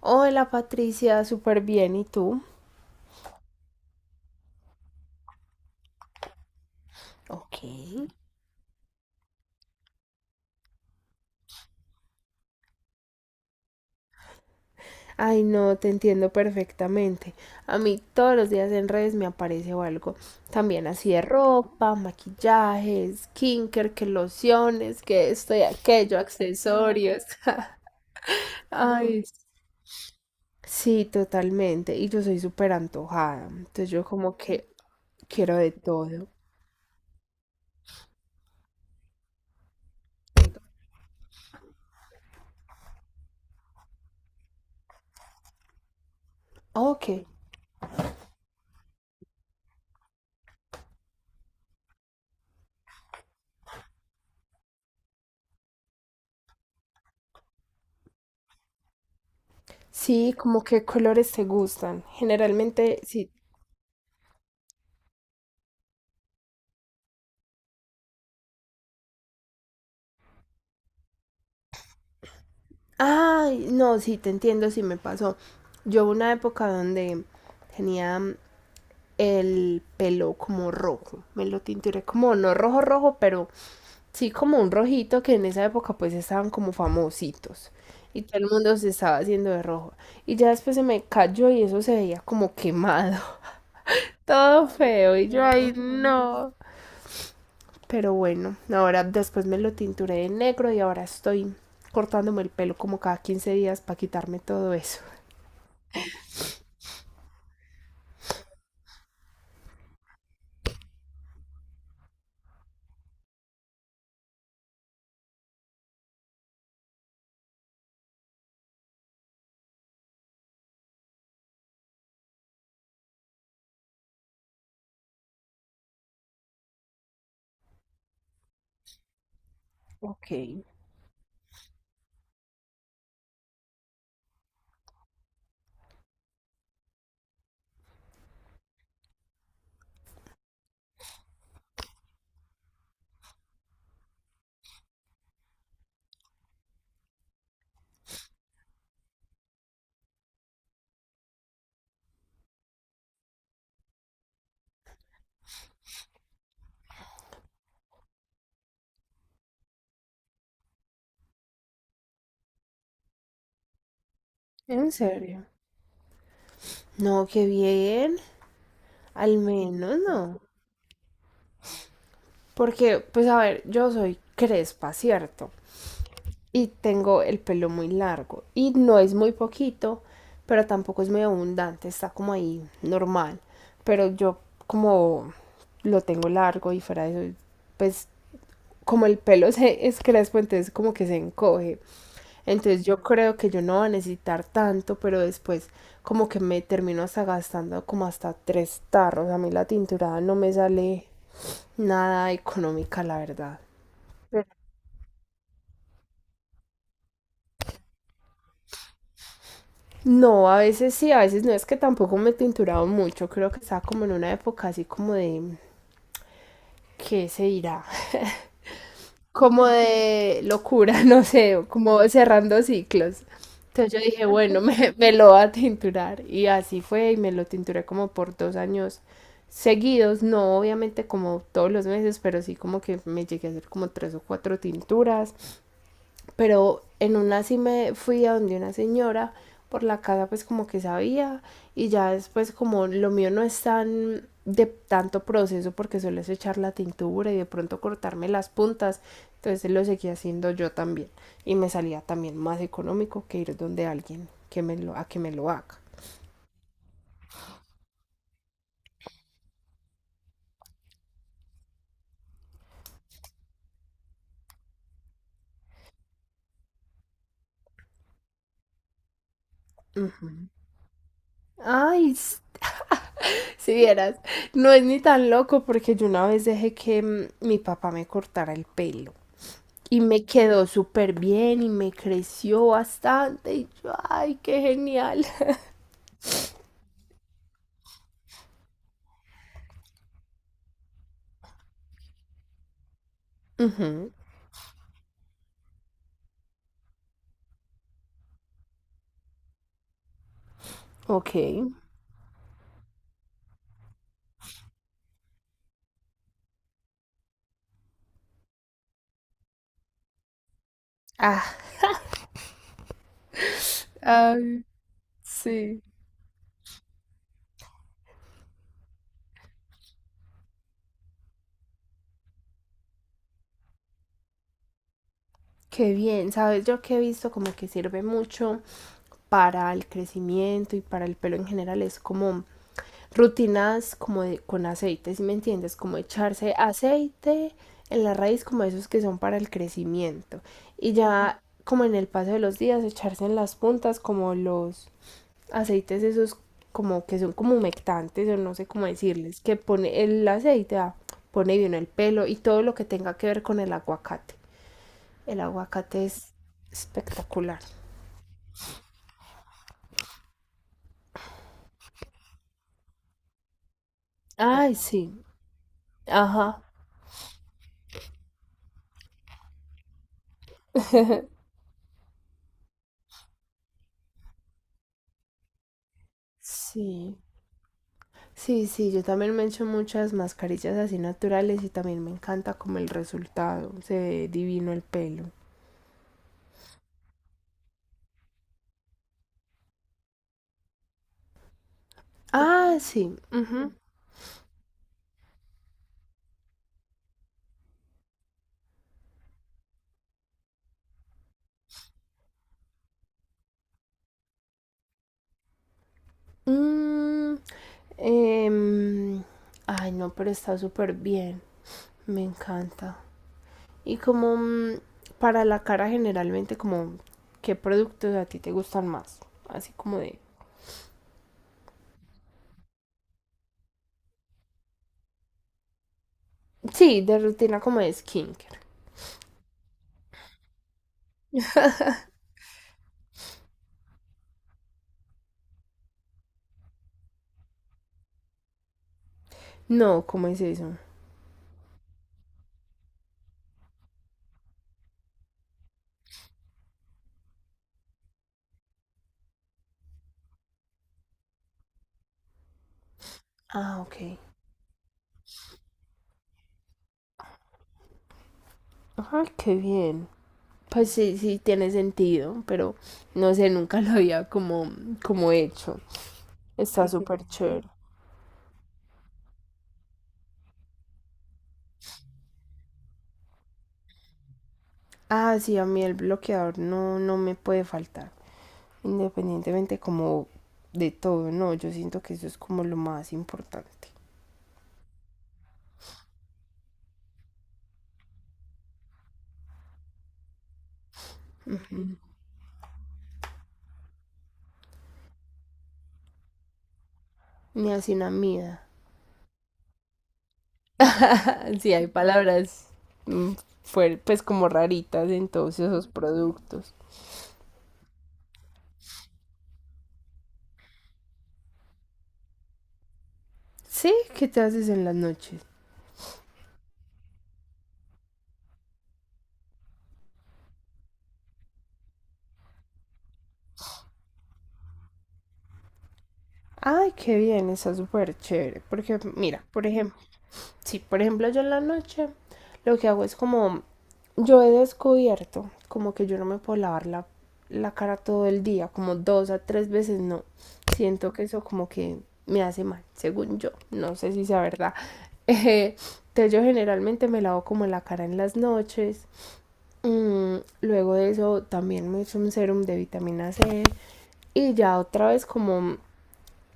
Hola Patricia, súper bien. ¿Y tú? Ok. Ay, no, te entiendo perfectamente. A mí todos los días en redes me aparece o algo. También así de ropa, maquillajes, skincare, que lociones, que esto y aquello, accesorios. Ay, sí, totalmente. Y yo soy súper antojada. Entonces yo como que quiero de todo. Ok. Sí, como que colores te gustan. Generalmente, si. Ay, no, sí, te entiendo, sí me pasó. Yo hubo una época donde tenía el pelo como rojo, me lo tinturé como no rojo rojo, pero sí como un rojito que en esa época pues estaban como famositos y todo el mundo se estaba haciendo de rojo. Y ya después se me cayó y eso se veía como quemado, todo feo y yo ay no. Pero bueno, ahora después me lo tinturé de negro y ahora estoy cortándome el pelo como cada 15 días para quitarme todo eso. Ok, en serio. No, qué bien, al menos no. Porque, pues a ver, yo soy crespa, ¿cierto? Y tengo el pelo muy largo. Y no es muy poquito, pero tampoco es muy abundante, está como ahí, normal. Pero yo como lo tengo largo y fuera de eso, pues como el pelo se es crespo, entonces como que se encoge. Entonces yo creo que yo no voy a necesitar tanto, pero después como que me termino hasta gastando como hasta tres tarros. A mí la tinturada no me sale nada económica, la verdad. Pero- No, a veces sí, a veces no es que tampoco me he tinturado mucho. Creo que estaba como en una época así como de, ¿qué se dirá? Como de locura, no sé, como cerrando ciclos. Entonces yo dije, bueno, me lo voy a tinturar. Y así fue, y me lo tinturé como por 2 años seguidos, no obviamente como todos los meses, pero sí como que me llegué a hacer como tres o cuatro tinturas. Pero en una sí me fui a donde una señora por la casa pues como que sabía y ya después como lo mío no es tan de tanto proceso porque suelo echar la tintura y de pronto cortarme las puntas, entonces lo seguí haciendo yo también y me salía también más económico que ir donde alguien que me lo, a que me lo haga. Ujú. Ay, si vieras, no es ni tan loco porque yo una vez dejé que mi papá me cortara el pelo. Y me quedó súper bien y me creció bastante. Y yo, ay, qué genial. Ujú. Ok. Ah, ay, sí. Qué bien, sabes, yo que he visto como que sirve mucho para el crecimiento y para el pelo en general, es como rutinas como con aceite, ¿si me entiendes? Como echarse aceite en la raíz, como esos que son para el crecimiento. Y ya como en el paso de los días, echarse en las puntas como los aceites esos como que son como humectantes o no sé cómo decirles, que pone el aceite, ah, pone bien el pelo y todo lo que tenga que ver con el aguacate. El aguacate es espectacular. Ay, sí, ajá, sí. Sí, sí, yo también me echo muchas mascarillas así naturales y también me encanta como el resultado, se ve divino el pelo. Ah, sí, ujú. Mm, em, Ay, no, pero está súper bien, me encanta. Y como para la cara generalmente, como qué productos a ti te gustan más. Así como de... Sí, de rutina como de skincare. No, ¿cómo es eso? Ah, ok. Ajá, qué bien. Pues sí, sí, tiene sentido, pero no sé, nunca lo había como hecho. Está súper chévere. Ah, sí, a mí el bloqueador no me puede faltar. Independientemente como de todo, no, yo siento que eso es como lo más importante. Niacinamida. Sí, hay palabras mm, pues como raritas en todos esos productos. Sí, ¿qué te haces en las noches? Ay, qué bien, está súper chévere. Porque, mira, por ejemplo, sí, por ejemplo, yo en la noche lo que hago es como, yo he descubierto como que yo no me puedo lavar la cara todo el día, como dos a tres veces, no. Siento que eso como que me hace mal, según yo. No sé si sea verdad. Eh, entonces yo generalmente me lavo como la cara en las noches. Luego de eso también me hice un serum de vitamina C y ya otra vez como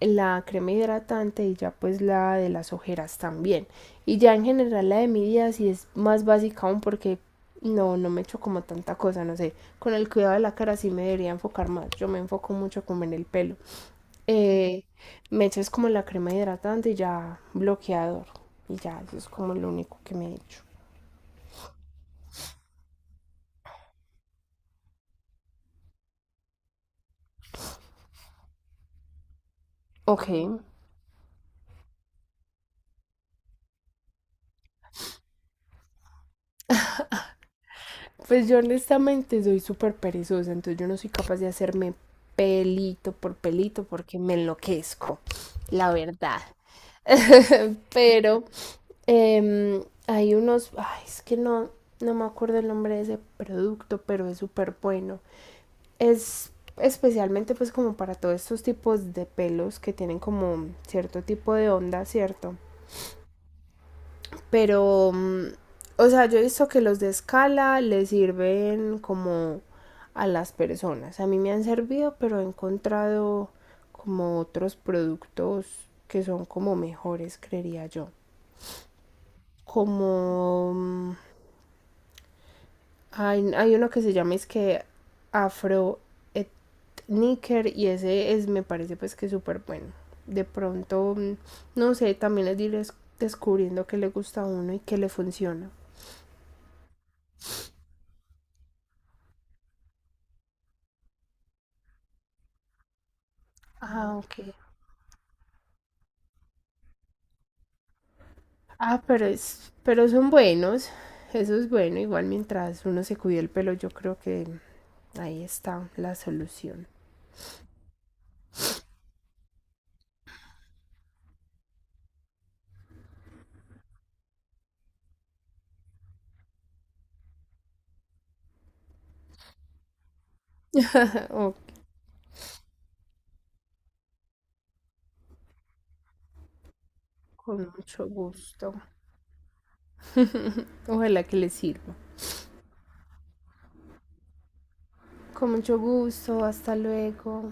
la crema hidratante y ya pues la de las ojeras también. Y ya en general la de mi día sí es más básica aún porque no me echo como tanta cosa, no sé. Con el cuidado de la cara sí me debería enfocar más. Yo me enfoco mucho como en el pelo. Eh, me echo es como la crema hidratante y ya bloqueador. Y ya, eso es como lo único que me he hecho. Ok. Pues yo honestamente soy súper perezosa, entonces yo no soy capaz de hacerme pelito por pelito porque me enloquezco, la verdad. Pero hay unos, ay, es que no, no me acuerdo el nombre de ese producto, pero es súper bueno. Es especialmente pues como para todos estos tipos de pelos que tienen como cierto tipo de onda, ¿cierto? Pero, o sea, yo he visto que los de escala le sirven como a las personas. A mí me han servido, pero he encontrado como otros productos que son como mejores, creería yo. Como hay uno que se llama es que Afro Etniker y ese es, me parece pues que súper bueno. De pronto, no sé, también es ir descubriendo qué le gusta a uno y qué le funciona. Ah, ok. Ah, pero son buenos. Eso es bueno. Igual mientras uno se cuide el pelo, yo creo que ahí está la solución. O- con mucho gusto. Ojalá que les sirva. Con mucho gusto. Hasta luego.